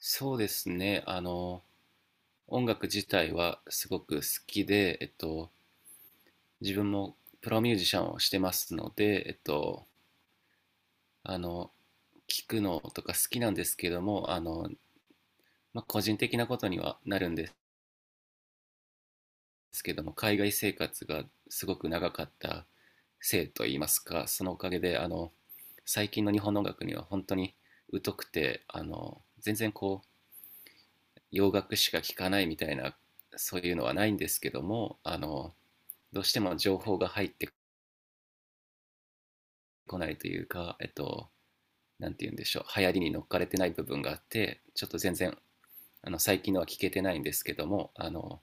そうですね。音楽自体はすごく好きで、自分もプロミュージシャンをしてますので、あの、聞くのとか好きなんですけども、まあ、個人的なことにはなるんですけども、海外生活がすごく長かったせいといいますか、そのおかげで、最近の日本の音楽には本当に疎くて、全然こう、洋楽しか聴かないみたいな、そういうのはないんですけども、どうしても情報が入ってこないというか、なんて言うんでしょう、流行りに乗っかれてない部分があって、ちょっと全然、最近のは聞けてないんですけども、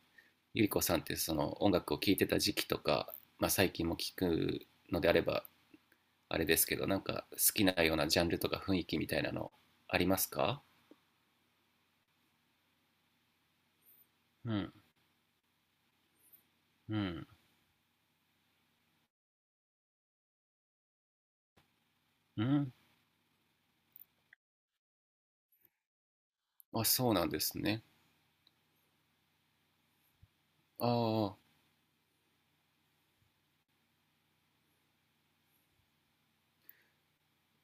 ゆりこさんってその音楽を聴いてた時期とか、まあ、最近も聞くのであれば、あれですけど、なんか好きなようなジャンルとか雰囲気みたいなのありますか？うん、うん、うん。あ、そうなんですね。ああ、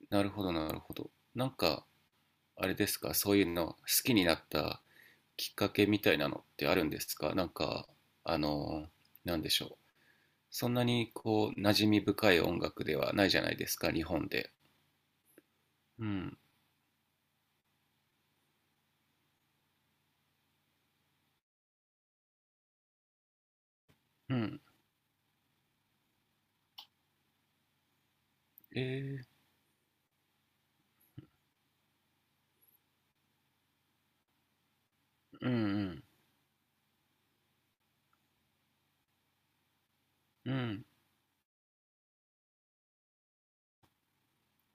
なるほど、なるほど。なんか、あれですか、そういうの好きになったきっかけみたいなのってあるんですか？なんか、あの、なんでしょう。そんなにこう、馴染み深い音楽ではないじゃないですか、日本で。うん、うん、えー、うん、うん、うん。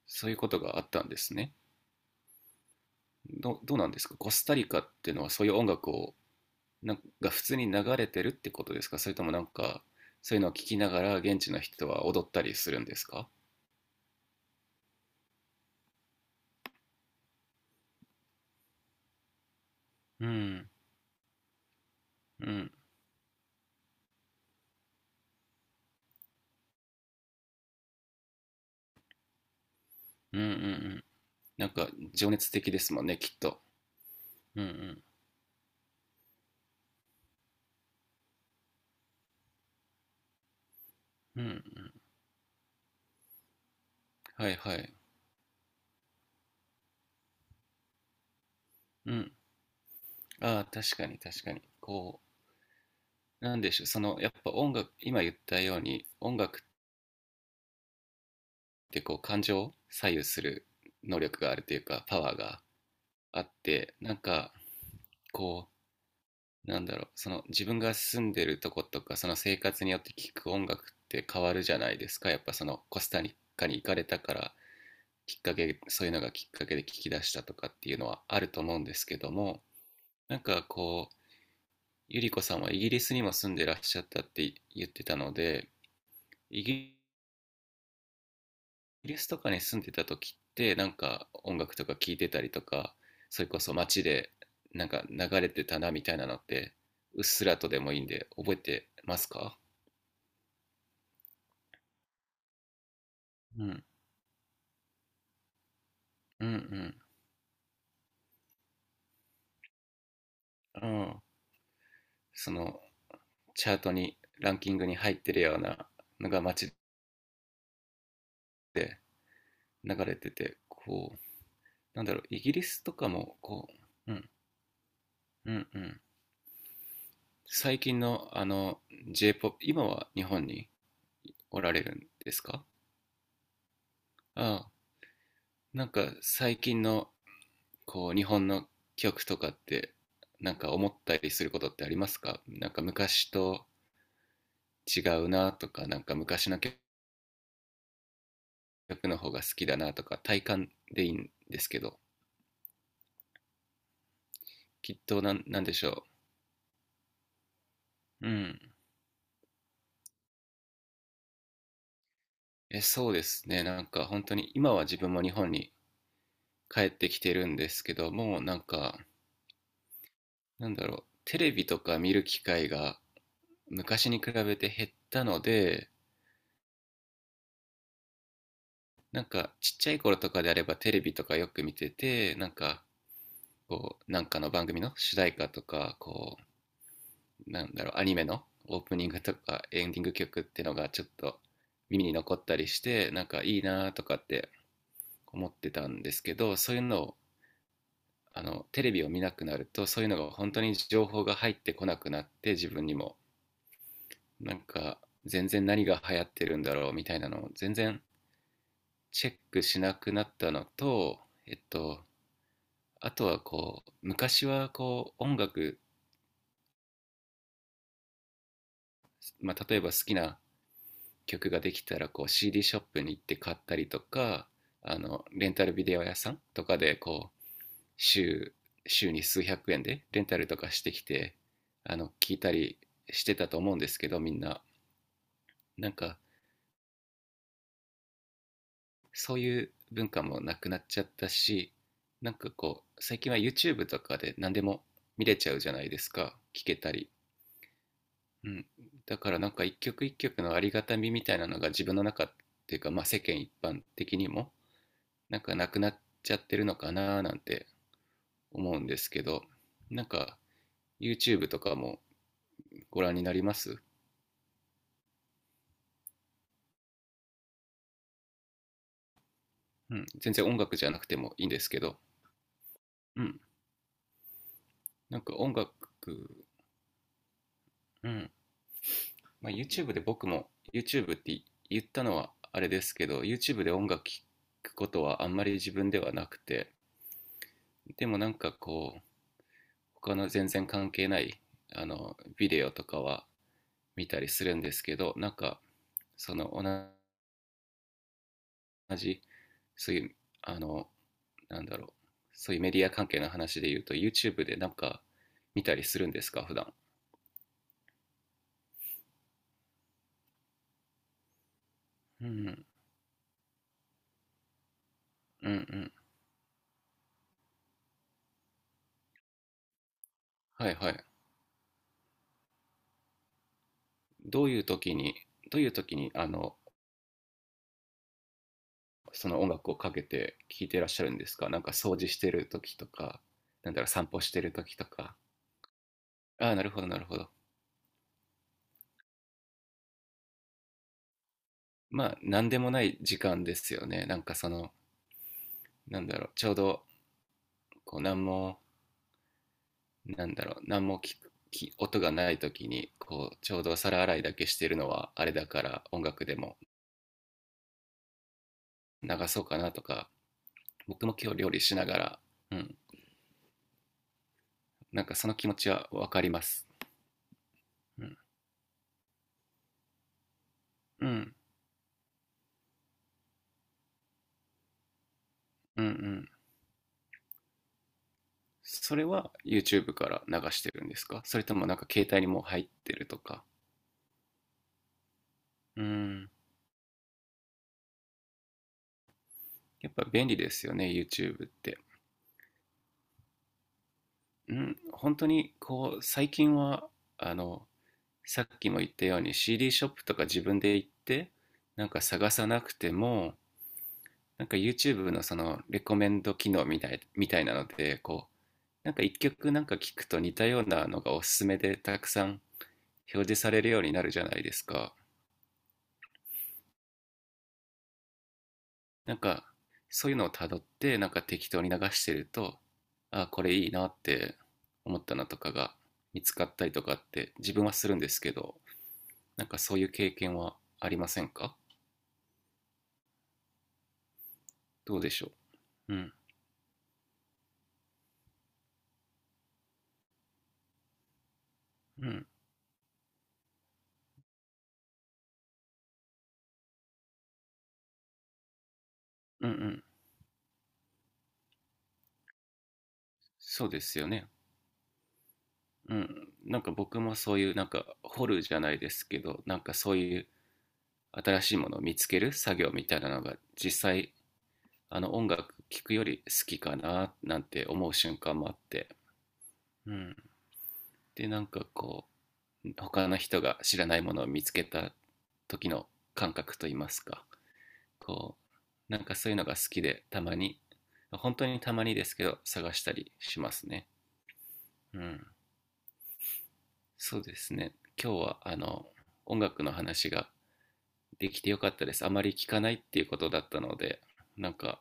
そういうことがあったんですね。どうなんですか？コスタリカっていうのはそういう音楽を、なんか普通に流れてるってことですか？それともなんか、そういうのを聞きながら現地の人は踊ったりするんですか？うん、うん、うん、うん、うん。なんか情熱的ですもんね、きっと。うん、うん、うん、うん。はいはい。うん。ああ、確かに確かに。こう、なんでしょう。その、やっぱ音楽、今言ったように、音楽ってこう、感情を左右する能力があるというか、パワーがあって、なんか、こう、なんだろう。その、自分が住んでるとことか、その生活によって聴く音楽って変わるじゃないですか。やっぱその、コスタリカに行かれたから、きっかけ、そういうのがきっかけで聞き出したとかっていうのはあると思うんですけども、なんかこう、ゆりこさんはイギリスにも住んでらっしゃったって言ってたので、イギリスとかに住んでた時ってなんか音楽とか聴いてたりとか、それこそ街でなんか流れてたなみたいなのってうっすらとでもいいんで覚えてますか？うん、うん、うん、うん。そのチャートにランキングに入ってるようなのが街で流れてて、こう、なんだろう、イギリスとかもこう、うん、うん、うん。最近のJ-POP、今は日本におられるんですか？ああ、なんか最近のこう日本の曲とかってなんか思ったりすることってありますか？なんか昔と違うなとか、なんか昔の曲の方が好きだなとか、体感でいいんですけど、きっとなんでしょう。うん。そうですね。なんか本当に今は自分も日本に帰ってきてるんですけど、もうなんか、なんだろう、テレビとか見る機会が昔に比べて減ったので、なんかちっちゃい頃とかであればテレビとかよく見てて、なんかこう、なんかの番組の主題歌とか、こう、なんだろう、アニメのオープニングとかエンディング曲ってのがちょっと耳に残ったりして、なんかいいなとかって思ってたんですけど、そういうのをテレビを見なくなるとそういうのが本当に情報が入ってこなくなって自分にもなんか全然何が流行ってるんだろうみたいなのを全然チェックしなくなったのと、えっと、あとはこう、昔はこう、音楽、まあ、例えば好きな曲ができたらこう、CD ショップに行って買ったりとか、レンタルビデオ屋さんとかでこう、週、週に数百円でレンタルとかしてきて、聞いたりしてたと思うんですけど、みんな。なんか、そういう文化もなくなっちゃったし、なんかこう、最近は YouTube とかで何でも見れちゃうじゃないですか。聞けたり。うん、だからなんか一曲一曲のありがたみみたいなのが自分の中っていうか、まあ、世間一般的にもなんかなくなっちゃってるのかななんて思うんですけど、なんか YouTube とかもご覧になります？うん、全然音楽じゃなくてもいいんですけど、うん、なんか音楽、うん、まあ、YouTube で僕も YouTube って言ったのはあれですけど YouTube で音楽聴くことはあんまり自分ではなくて、でもなんかこう他の全然関係ないビデオとかは見たりするんですけど、なんかその同じそういうあのなんだろう、そういうメディア関係の話で言うと YouTube でなんか見たりするんですか普段？うん。うん。うん。はいはい。どういう時にどういう時にその音楽をかけて聴いてらっしゃるんですか？なんか掃除してる時とか、なんだろう、散歩してる時とか。ああ、なるほど、なるほど。まあ何でもない時間ですよね、なんかその、なんだろう、ちょうど、こう、何も、なんだろう、何も聞く、き音がない時に、こう、ちょうど皿洗いだけしてるのは、あれだから、音楽でも流そうかなとか、僕も今日料理しながら、うん、なんかその気持ちはわかります。うん、うん、うん、うん。それは YouTube から流してるんですか？それともなんか携帯にもう入ってるとか。うん、やっぱ便利ですよね、YouTube って。うん、本当にこう、最近は、あの、さっきも言ったように CD ショップとか自分で行ってなんか探さなくてもなんか YouTube のそのレコメンド機能みたいなのでこうなんか一曲なんか聞くと似たようなのがおすすめでたくさん表示されるようになるじゃないですか、なんかそういうのをたどってなんか適当に流してると、あ、これいいなって思ったのとかが見つかったりとかって自分はするんですけど、なんかそういう経験はありませんか？どうでしょう？うん。うん。うん。うん。そうですよね。うん。なんか僕もそういう、なんか掘るじゃないですけど、なんかそういう新しいものを見つける作業みたいなのが実際、音楽聴くより好きかななんて思う瞬間もあって。うん。で、なんかこう、他の人が知らないものを見つけた時の感覚といいますか、こう、なんかそういうのが好きで、たまに、本当にたまにですけど、探したりしますね。うん。そうですね。今日は音楽の話ができてよかったです。あまり聞かないっていうことだったので、なんか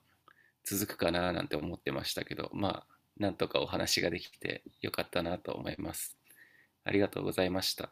続くかななんて思ってましたけど、まあ、なんとかお話ができてよかったなと思います。ありがとうございました。